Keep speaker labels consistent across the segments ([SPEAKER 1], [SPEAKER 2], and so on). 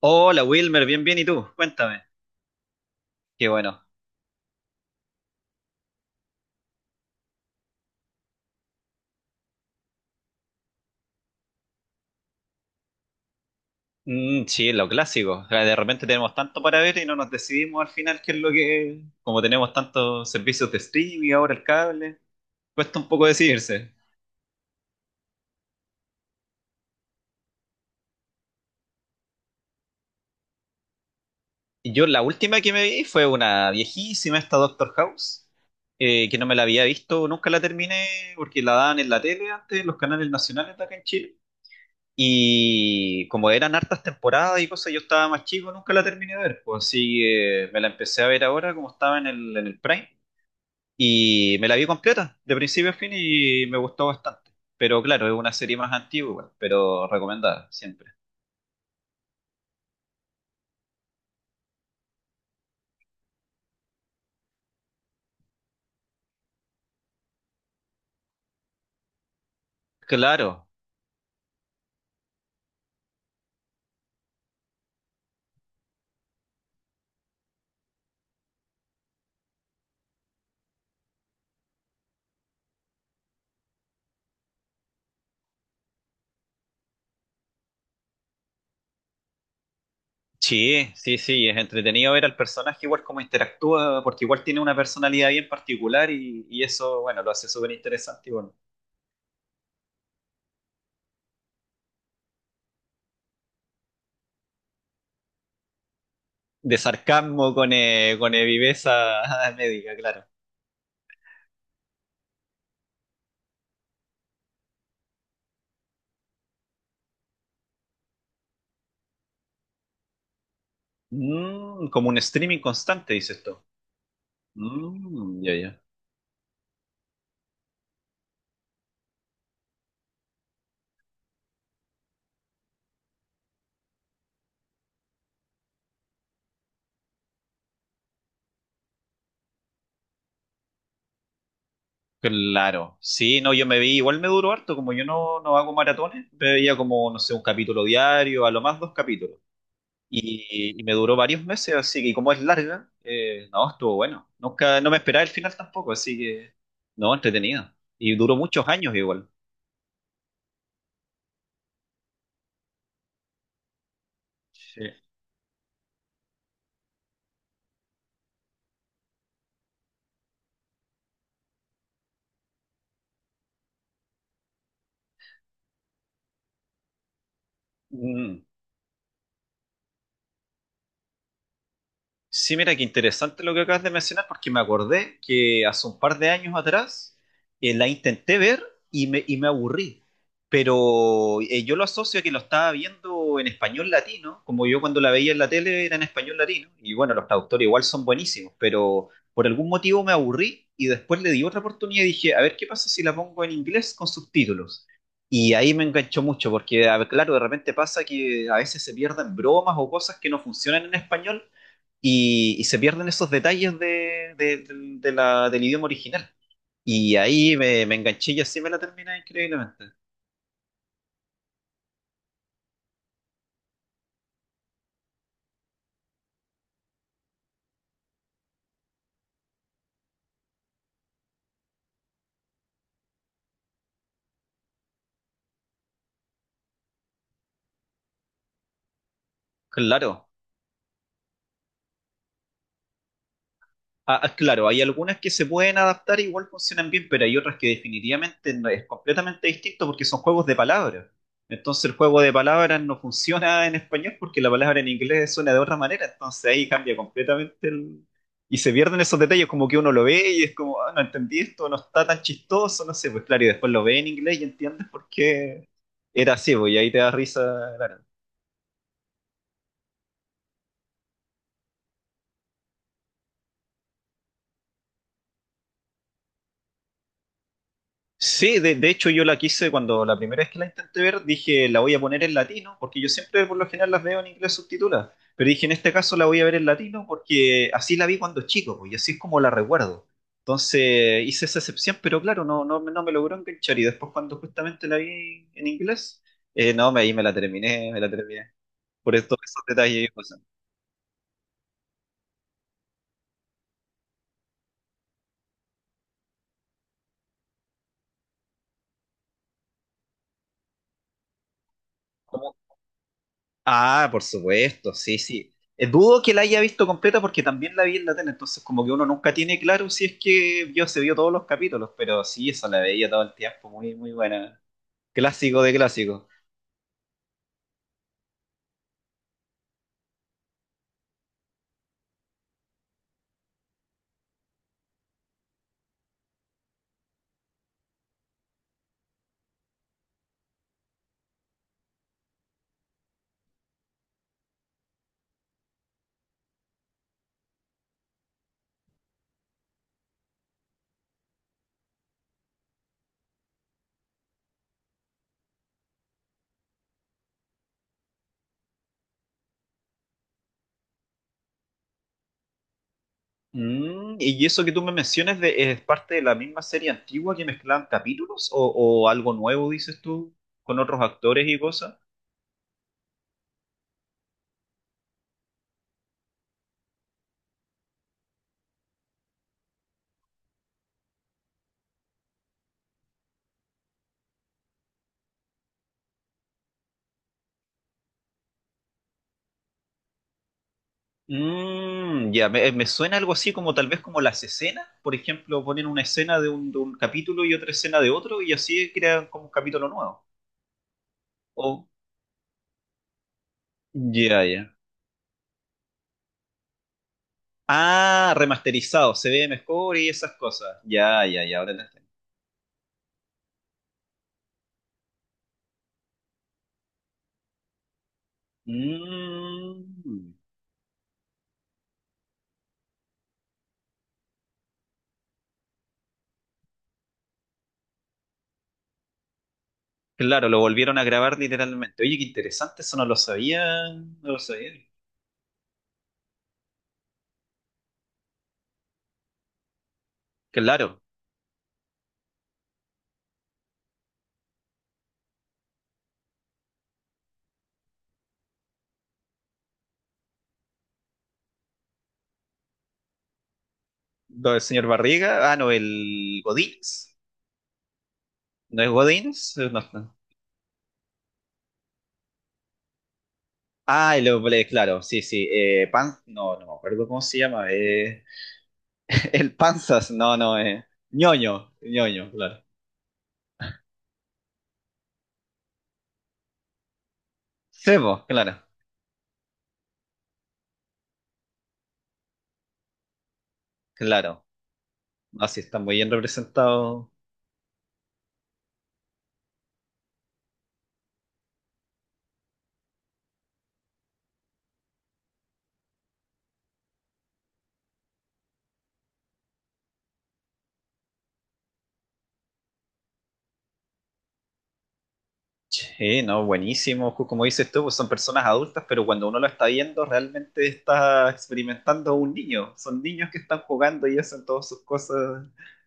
[SPEAKER 1] Hola Wilmer, bien, bien, ¿y tú? Cuéntame. Qué bueno. Mm, sí, lo clásico. O sea, de repente tenemos tanto para ver y no nos decidimos al final qué es lo que Como tenemos tantos servicios de streaming, ahora el cable, cuesta un poco decidirse. Yo la última que me vi fue una viejísima, esta Doctor House, que no me la había visto, nunca la terminé porque la daban en la tele antes, en los canales nacionales de acá en Chile. Y como eran hartas temporadas y cosas, yo estaba más chico, nunca la terminé de ver. Pues así que me la empecé a ver ahora, como estaba en el Prime, y me la vi completa, de principio a fin, y me gustó bastante. Pero claro, es una serie más antigua, igual, pero recomendada siempre. Claro, sí, sí, sí, es entretenido ver al personaje igual cómo interactúa, porque igual tiene una personalidad bien particular y eso, bueno, lo hace súper interesante, y bueno, de sarcasmo con viveza médica, claro. Mm, como un streaming constante, dices tú. Mm, ya, ya. Claro. Sí, no, yo me vi, igual me duró harto, como yo no, no hago maratones, me veía como, no sé, un capítulo diario, a lo más dos capítulos. Y me duró varios meses, así que y como es larga, no, estuvo bueno. Nunca, no me esperaba el final tampoco, así que, no, entretenido. Y duró muchos años igual. Sí. Mm. Sí, mira, qué interesante lo que acabas de mencionar, porque me acordé que hace un par de años atrás la intenté ver y me aburrí. Pero yo lo asocio a que lo estaba viendo en español latino, como yo cuando la veía en la tele era en español latino. Y bueno, los traductores igual son buenísimos, pero por algún motivo me aburrí y después le di otra oportunidad y dije, a ver qué pasa si la pongo en inglés con subtítulos. Y ahí me enganchó mucho, porque a ver, claro, de repente pasa que a veces se pierden bromas o cosas que no funcionan en español y se pierden esos detalles del idioma original. Y ahí me enganché y así me la terminé increíblemente. Claro, ah, ah, claro, hay algunas que se pueden adaptar y igual funcionan bien, pero hay otras que definitivamente es completamente distinto porque son juegos de palabras. Entonces el juego de palabras no funciona en español porque la palabra en inglés suena de otra manera, entonces ahí cambia completamente el Y se pierden esos detalles, como que uno lo ve y es como, ah, no entendí esto, no está tan chistoso, no sé, pues claro, y después lo ve en inglés y entiendes por qué era así, pues, y ahí te da risa, claro. Sí, de hecho yo la quise cuando la primera vez que la intenté ver, dije la voy a poner en latino, porque yo siempre por lo general las veo en inglés subtitulada, pero dije en este caso la voy a ver en latino porque así la vi cuando chico, pues, y así es como la recuerdo. Entonces hice esa excepción, pero claro, no, no, no me logró enganchar y después cuando justamente la vi en inglés, no, ahí me la terminé, por estos esos detalles y cosas. Ah, por supuesto, sí, sí. Dudo que la haya visto completa porque también la vi en la tele, entonces como que uno nunca tiene claro si es que vio, se vio todos los capítulos, pero sí, esa la veía todo el tiempo, muy, muy buena. Clásico de clásico. Mm, y eso que tú me mencionas es parte de la misma serie antigua que mezclaban capítulos o algo nuevo, dices tú, con otros actores y cosas. Mm, ya, me suena algo así como tal vez como las escenas, por ejemplo, ponen una escena de un capítulo y otra escena de otro y así crean como un capítulo nuevo. O, ya, ya. Ah, remasterizado, se ve mejor y esas cosas. Ya, ya, ya, ahora las tengo. Mm, claro, lo volvieron a grabar literalmente. Oye, qué interesante, eso no lo sabía, no lo sabía. Claro, lo del señor Barriga, ah, no, el Godínez. ¿No es Godínez? No, no. Ah, el oble, claro, sí, sí. Pan, no, no me acuerdo cómo se llama. El panzas, no, no, Ñoño, ñoño, claro. Sebo, claro, claro. Así están muy bien representados. Sí, no, buenísimo. Ju- como dices tú, pues son personas adultas, pero cuando uno lo está viendo, realmente está experimentando un niño. Son niños que están jugando y hacen todas sus cosas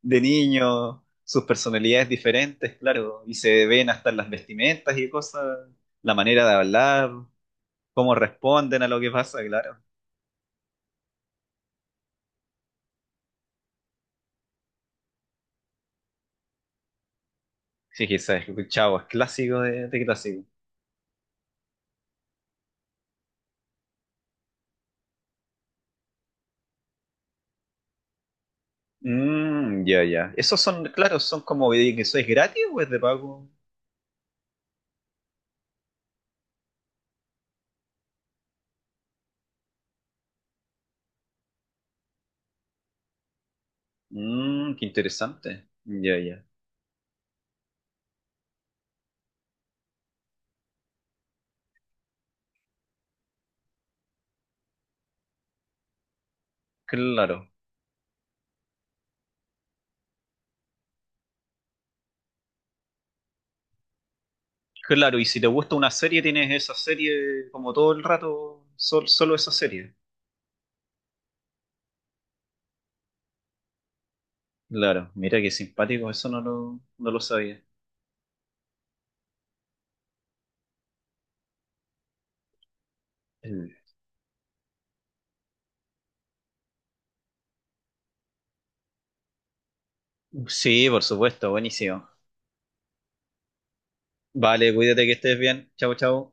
[SPEAKER 1] de niño, sus personalidades diferentes, claro. Y se ven hasta en las vestimentas y cosas la manera de hablar, cómo responden a lo que pasa, claro. Sí, quizás, chavo, es clásico de clásico. Mm, ya, ya. ¿Esos son, claro, son como de que sois gratis o es de pago? Mmm, qué interesante. Ya, ya. Claro, claro. Y si te gusta una serie, tienes esa serie como todo el rato, solo esa serie. Claro, mira qué simpático, eso no lo, no lo sabía. El- sí, por supuesto, buenísimo. Vale, cuídate que estés bien. Chao, chao.